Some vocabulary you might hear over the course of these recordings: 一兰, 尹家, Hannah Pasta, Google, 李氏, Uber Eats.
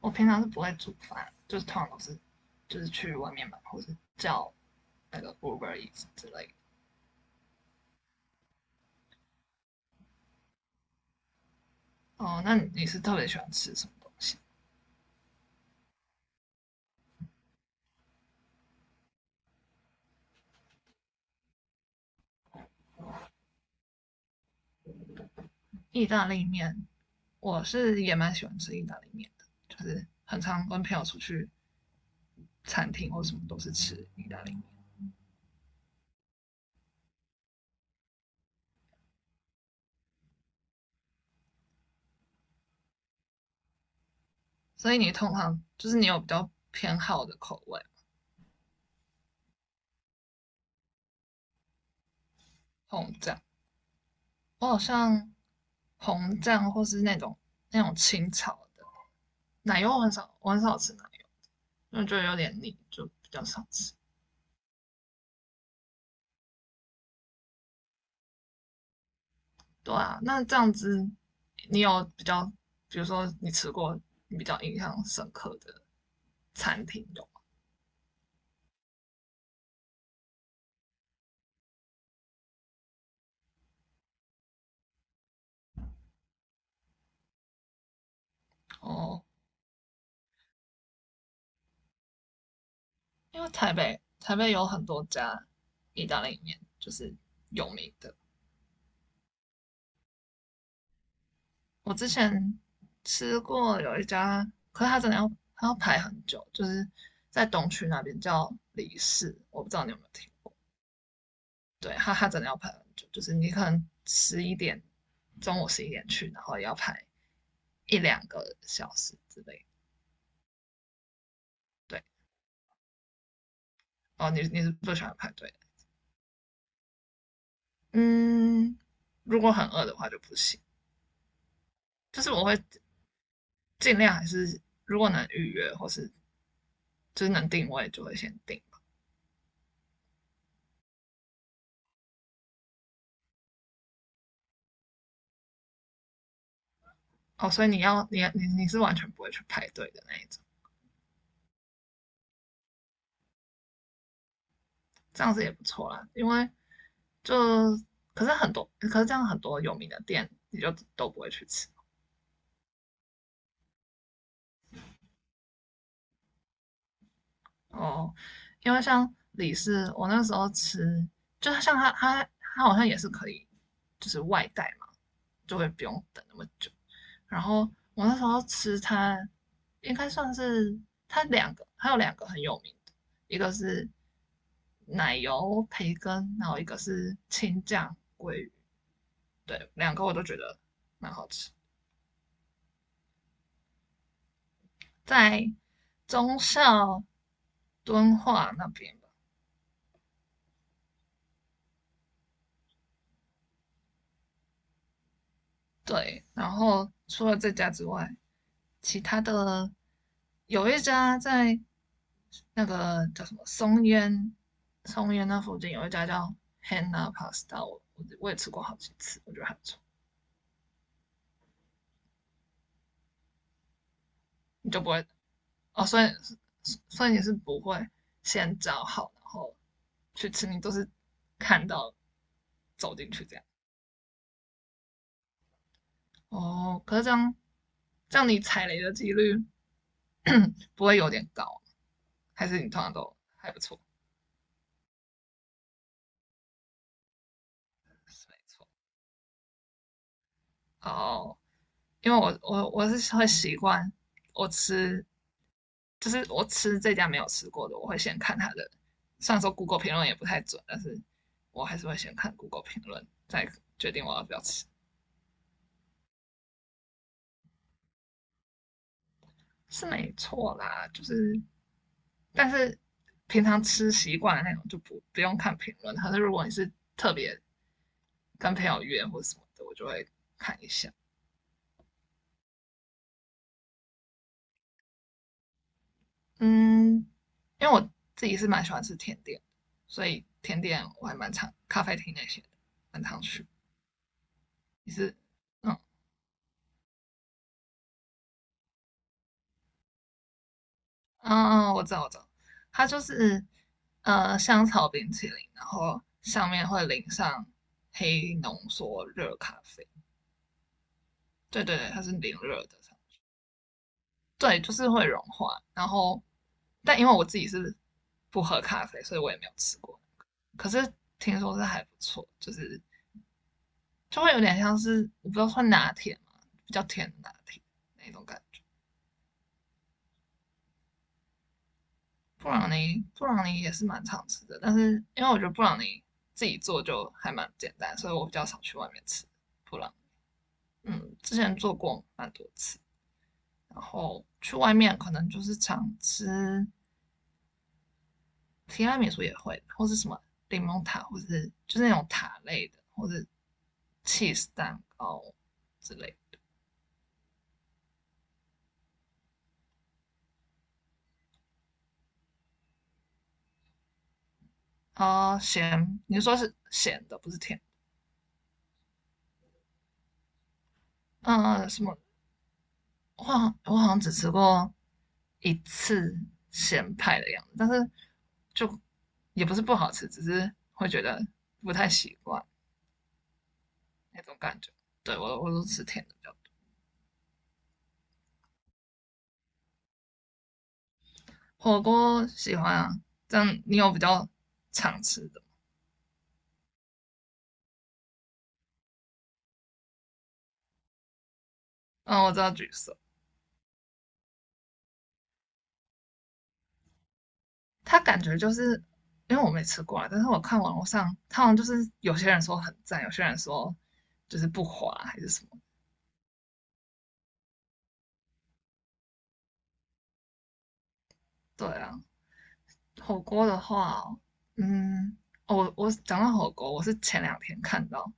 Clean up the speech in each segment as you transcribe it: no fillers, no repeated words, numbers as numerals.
我平常是不会煮饭，就是通常都是就是去外面买，或是叫那个 Uber Eats 之类的。哦，那你是特别喜欢吃什么东西？意大利面，我是也蛮喜欢吃意大利面的，就是很常跟朋友出去餐厅或什么都是吃意大利面。所以你通常就是你有比较偏好的口味，红酱，我好像红酱或是那种清炒的奶油，我很少吃奶油，因为觉得有点腻，就比较少吃。对啊，那这样子，你有比较，比如说你吃过你比较印象深刻的餐厅有吗？哦，因为台北有很多家意大利面，就是有名的。我之前吃过有一家，可是它真的要排很久，就是在东区那边叫李氏，我不知道你有没有听过。对，它真的要排很久，就是你可能十一点，中午十一点去，然后也要排一两个小时之类的。对，哦，你是不喜欢排队的？嗯，如果很饿的话就不行，就是我会尽量还是如果能预约或是就是能定位就会先定吧。哦，所以你要你你你是完全不会去排队的那一种，这样子也不错啦，因为就可是很多可是这样很多有名的店你就都不会去吃。哦，因为像李氏我那时候吃，就是像他好像也是可以就是外带嘛，就会不用等那么久。然后我那时候吃它，应该算是它两个，还有两个很有名的，一个是奶油培根，然后一个是青酱鲑鱼，对，两个我都觉得蛮好吃，在中校敦化那边吧。对，然后除了这家之外，其他的有一家在那个叫什么松烟，松烟那附近有一家叫 Hannah Pasta，我也吃过好几次，我觉得还不错。你就不会。哦，所以你是不会先找好，然后去吃，你都是看到走进去这样。哦，可是这样你踩雷的几率不会有点高，还是你通常都还不错？没错。哦，因为我是会习惯我吃我吃这家没有吃过的，我会先看它的。虽然说 Google 评论也不太准，但是我还是会先看 Google 评论，再决定我要不要吃，是没错啦。就是，但是平常吃习惯的那种就不用看评论。可是如果你是特别跟朋友约或什么的，我就会看一下。嗯，因为我自己是蛮喜欢吃甜点，所以甜点我还蛮常咖啡厅那些的蛮常去。你是嗯，嗯嗯，我知道，它就是香草冰淇淋，然后上面会淋上黑浓缩热咖啡。对对对，它是淋热的，对，就是会融化。然后，但因为我自己是不喝咖啡，所以我也没有吃过。可是听说是还不错，就是就会有点像是我不知道算拿铁嘛，比较甜的拿铁那种感觉。布朗尼也是蛮常吃的，但是因为我觉得布朗尼自己做就还蛮简单，所以我比较少去外面吃布朗。嗯，之前做过蛮多次，然后去外面可能就是常吃提拉米苏也会，或是什么柠檬塔，或者是就是那种塔类的，或者 cheese 蛋糕之类的。啊，咸，你说是咸的，不是甜。嗯，什么我好像只吃过一次咸派的样子，但是就也不是不好吃，只是会觉得不太习惯那种感觉。对我都吃甜的比较多。火锅喜欢啊，这样你有比较常吃的？嗯，我知道橘色，它感觉就是因为我没吃过啊，但是我看网络上，它好像就是有些人说很赞，有些人说就是不滑还是什么。对啊，火锅的话哦。嗯，哦我讲到火锅，我是前两天看到，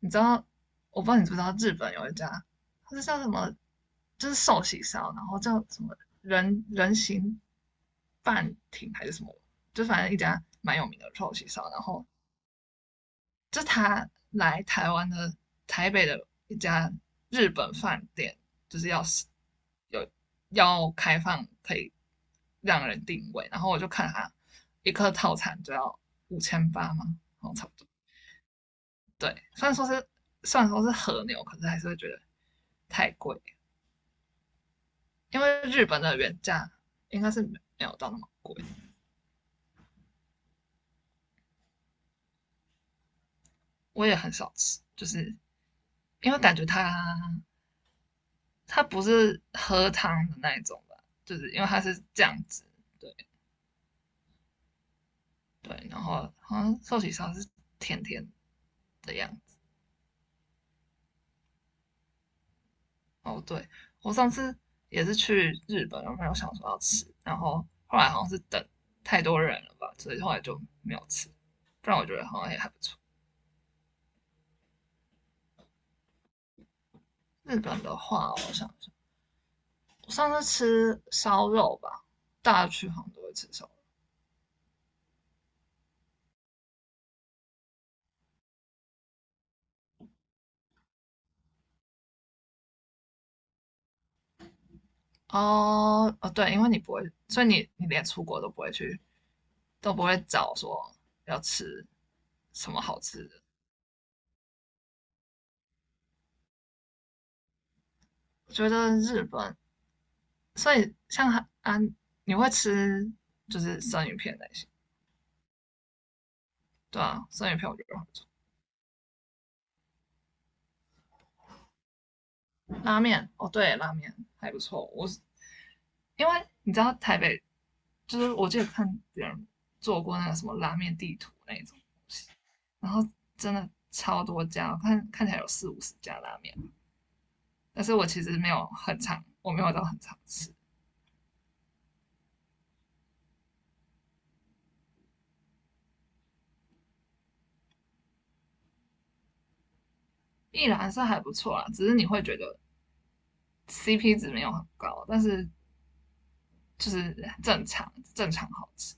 你知道，我不知道你知不知道日本有一家，它是叫什么，就是寿喜烧，然后叫什么人形半亭还是什么，就反正一家蛮有名的寿喜烧，然后就他来台湾的台北的一家日本饭店，就是要是有要开放可以让人定位，然后我就看他一颗套餐就要5800嘛，然后差不多。对，虽然说是和牛，可是还是会觉得太贵，因为日本的原价应该是没有到那么贵，我也很少吃，就是因为感觉它不是喝汤的那一种吧？就是因为它是酱汁，对对，然后好像寿喜烧是甜甜的样子。哦，对，我上次也是去日本，然后有想说要吃，然后后来好像是等太多人了吧，所以后来就没有吃。不然我觉得好像也还不错。日本的话，我想想，我上次吃烧肉吧，大家去好像都会吃烧肉。哦哦，对，因为你不会，所以你连出国都不会去都不会找说要吃什么好吃的。我觉得日本，所以像韩啊，你会吃就是生鱼片那些，对啊，生鱼片我觉得很不错。拉面，哦对，拉面还不错。我是因为你知道台北，就是我记得看别人做过那个什么拉面地图那种东西，然后真的超多家，看起来有四五十家拉面，但是我其实没有很常，我没有到很常吃。一兰是还不错啦，只是你会觉得 CP 值没有很高，但是就是正常正常好吃。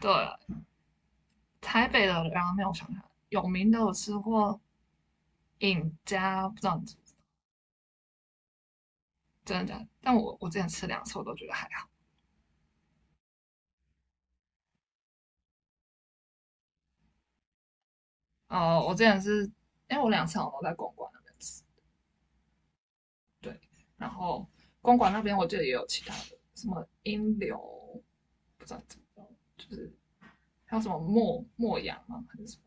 对，台北的拉面我想想，有名的我吃过尹家，不知道你真的假的，但我之前吃两次我都觉得还好。哦，我之前是因为我两次我都在公馆那边吃，对，然后公馆那边我记得也有其他的，什么英流，不知道怎么，就是还有什么墨阳嘛，还是什么，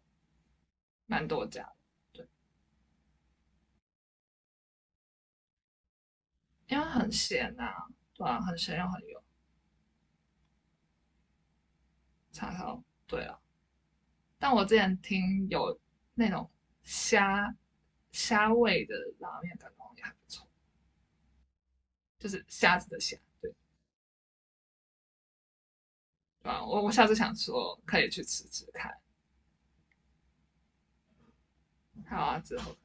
蛮多家的，对，因为很咸呐，对啊，很咸又很油。叉烧，对啊。但我之前听有那种虾虾味的拉面，感觉也还不错，就是虾子的虾，对，啊，我下次想说可以去吃吃看。还有啊，之后